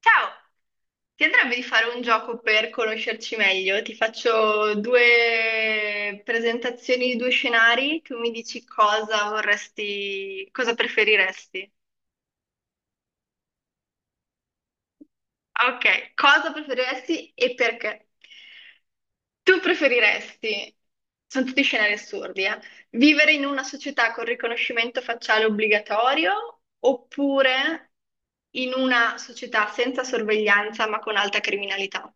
Ciao! Ti andrebbe di fare un gioco per conoscerci meglio? Ti faccio due presentazioni di due scenari, tu mi dici cosa vorresti, cosa preferiresti. Ok, cosa preferiresti e perché? Tu preferiresti, sono tutti scenari assurdi, vivere in una società con riconoscimento facciale obbligatorio oppure in una società senza sorveglianza ma con alta criminalità?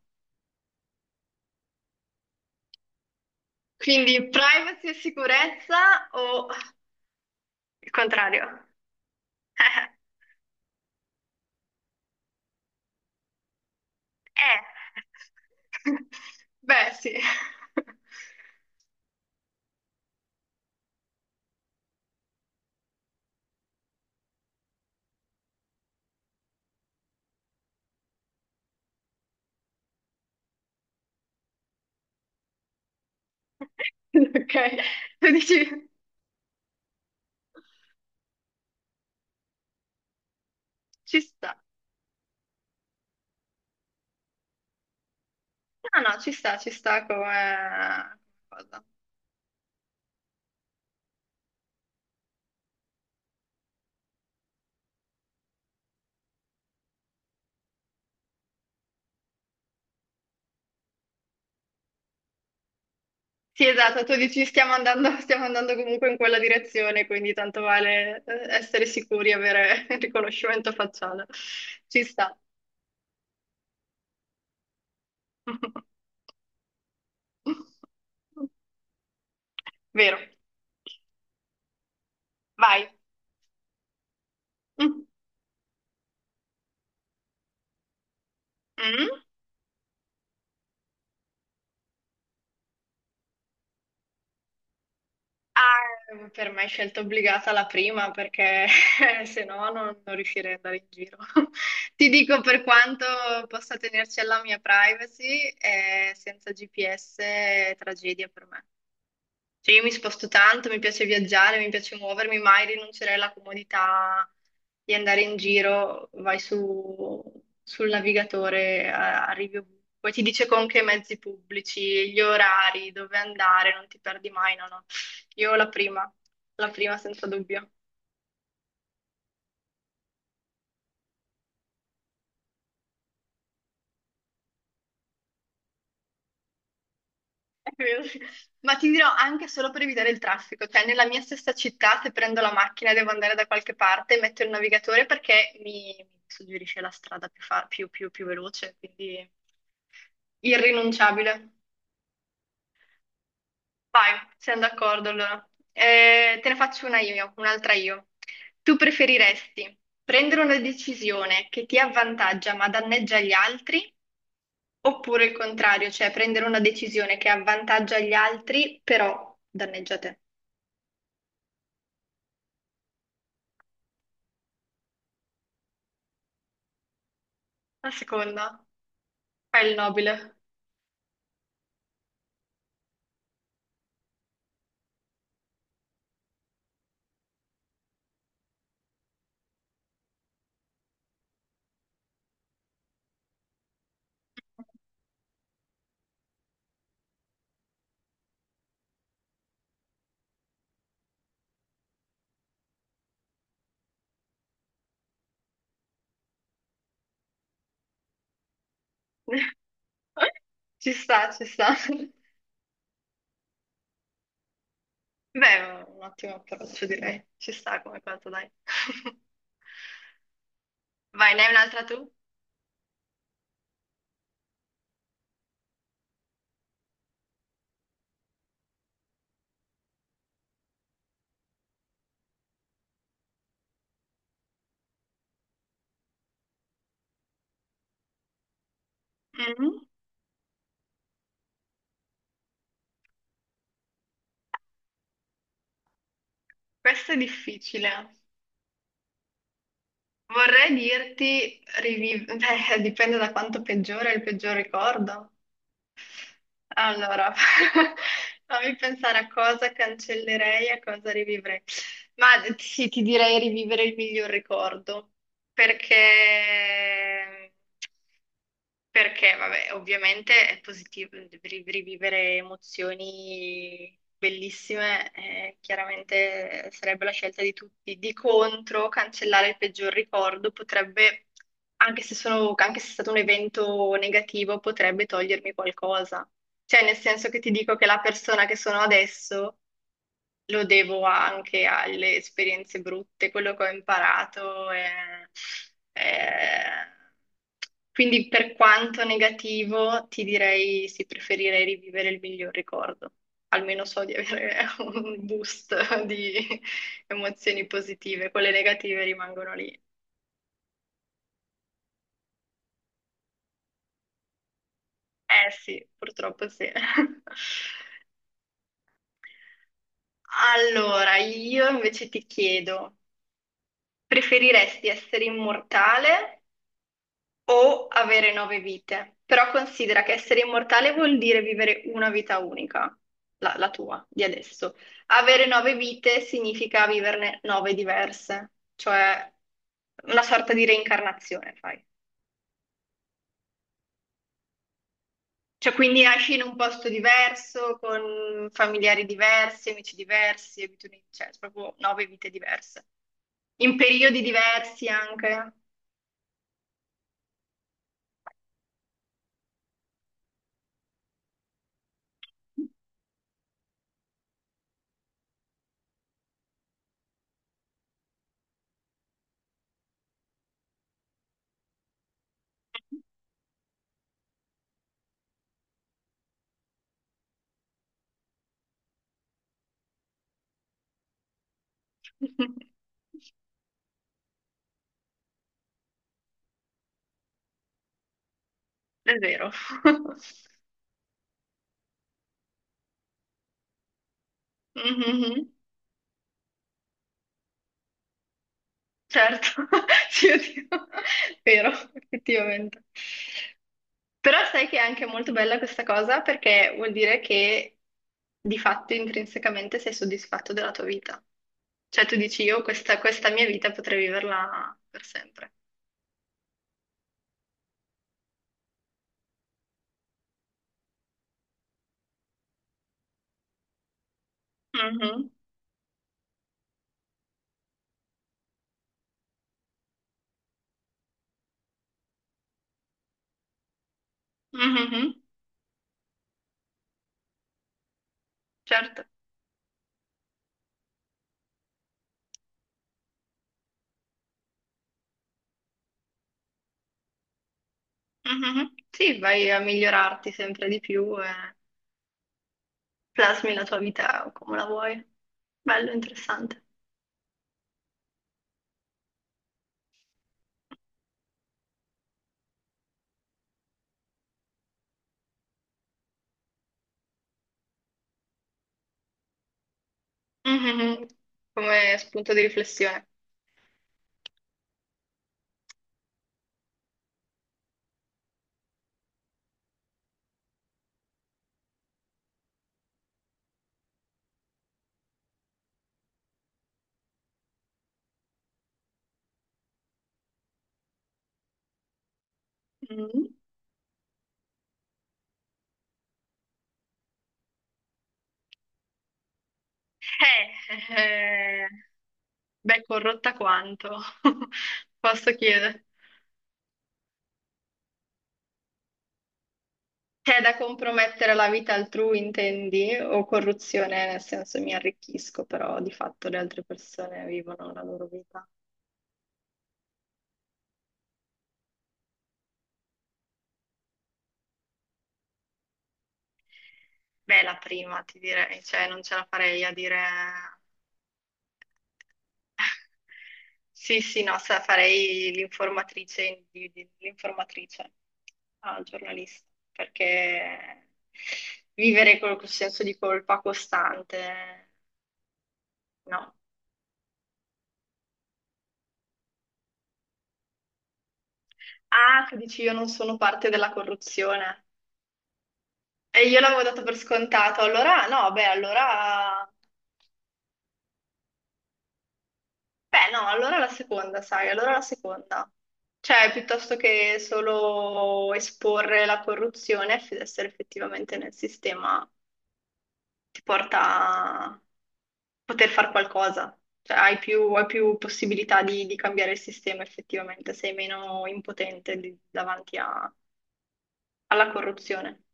Quindi privacy e sicurezza o il contrario? Eh. Beh, sì. Ok, tu dici ci sta. No, no, ci sta come cosa. Sì, esatto, tu dici stiamo andando comunque in quella direzione, quindi tanto vale essere sicuri e avere il riconoscimento facciale. Ci sta. Vero. Vai. Mm. Mm? Ah, per me è scelta obbligata la prima perché se no non riuscirei ad andare in giro. Ti dico per quanto possa tenerci alla mia privacy, senza GPS è tragedia per me. Cioè, io mi sposto tanto, mi piace viaggiare, mi piace muovermi, mai rinuncerei alla comodità di andare in giro, vai su, sul navigatore, arrivi ovunque, poi ti dice con che mezzi pubblici, gli orari, dove andare, non ti perdi mai, no, no. Io la prima senza dubbio. È vero, sì. Ma ti dirò anche solo per evitare il traffico, cioè nella mia stessa città se prendo la macchina e devo andare da qualche parte, metto il navigatore perché mi suggerisce la strada più, fa- più, più, più veloce, quindi irrinunciabile. Vai, siamo d'accordo allora. Te ne faccio una io, un'altra io. Tu preferiresti prendere una decisione che ti avvantaggia ma danneggia gli altri, oppure il contrario, cioè prendere una decisione che avvantaggia gli altri però danneggia te? La seconda è il nobile. Ci sta, ci sta. Beh, è un ottimo approccio, direi. Ci sta come cosa, dai. Vai, ne hai un'altra tu? Mhm. Questo è difficile. Vorrei dirti, beh, dipende da quanto peggiore è il peggior ricordo. Allora, fammi pensare a cosa cancellerei e a cosa rivivrei. Ma sì, ti direi rivivere il miglior ricordo, perché perché, vabbè, ovviamente è positivo rivivere emozioni bellissime, chiaramente sarebbe la scelta di tutti. Di contro, cancellare il peggior ricordo potrebbe, anche se anche se è stato un evento negativo, potrebbe togliermi qualcosa. Cioè, nel senso che ti dico che la persona che sono adesso. Lo devo anche alle esperienze brutte, quello che ho imparato. È- Quindi per quanto negativo, ti direi sì, preferirei rivivere il miglior ricordo. Almeno so di avere un boost di emozioni positive, quelle negative rimangono lì. Eh sì, purtroppo sì. Allora, io invece ti chiedo, preferiresti essere immortale o avere nove vite? Però considera che essere immortale vuol dire vivere una vita unica, la tua, di adesso. Avere nove vite significa viverne nove diverse, cioè una sorta di reincarnazione, fai. Cioè, quindi nasci in un posto diverso, con familiari diversi, amici diversi, abitudini, cioè, proprio nove vite diverse. In periodi diversi anche. È vero. Mhm. Certo, sì, oddio. Vero, effettivamente. Però sai che è anche molto bella questa cosa perché vuol dire che di fatto intrinsecamente sei soddisfatto della tua vita. Cioè tu dici io questa mia vita potrei viverla per sempre. Mhm, mhm, certo. Mhm. Sì, vai a migliorarti sempre di più e plasmi la tua vita come la vuoi. Bello, interessante. Mhm. Come spunto di riflessione. Mm. Eh, eh, beh, corrotta quanto, posso chiedere. C'è da compromettere la vita altrui, intendi? O corruzione, nel senso mi arricchisco, però di fatto le altre persone vivono la loro vita. Beh, la prima, ti direi, cioè non ce la farei a dire. Sì, sì, no, farei l'informatrice, l'informatrice al giornalista, perché vivere con quel senso di colpa costante, no. Ah, tu dici io non sono parte della corruzione. E io l'avevo dato per scontato, allora no, beh, allora. Beh, no, allora la seconda, sai, allora la seconda. Cioè, piuttosto che solo esporre la corruzione, essere effettivamente nel sistema ti porta a poter fare qualcosa, cioè hai più possibilità di cambiare il sistema effettivamente, sei meno impotente davanti alla corruzione.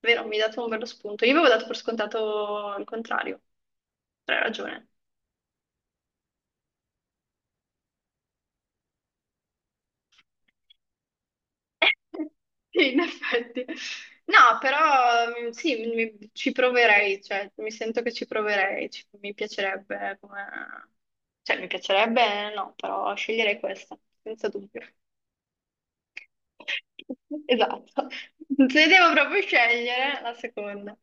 Vero, mi hai dato un bello spunto. Io avevo dato per scontato il contrario, però hai ragione. Sì, in effetti. No, però sì, ci proverei, cioè, mi sento che ci proverei, mi piacerebbe come. Cioè, mi piacerebbe, no, però sceglierei questa, senza dubbio. Esatto, se devo proprio scegliere la seconda.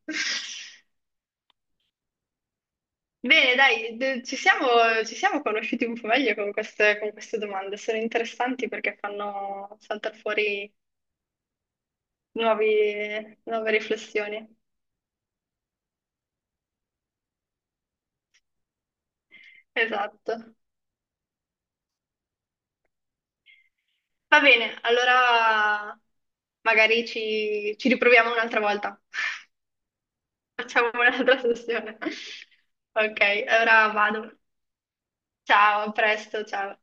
Bene, dai, ci siamo conosciuti un po' meglio con queste domande, sono interessanti perché fanno saltare fuori nuove riflessioni. Esatto. Va bene, allora magari ci riproviamo un'altra volta. Facciamo un'altra sessione. Ok, allora vado. Ciao, a presto, ciao.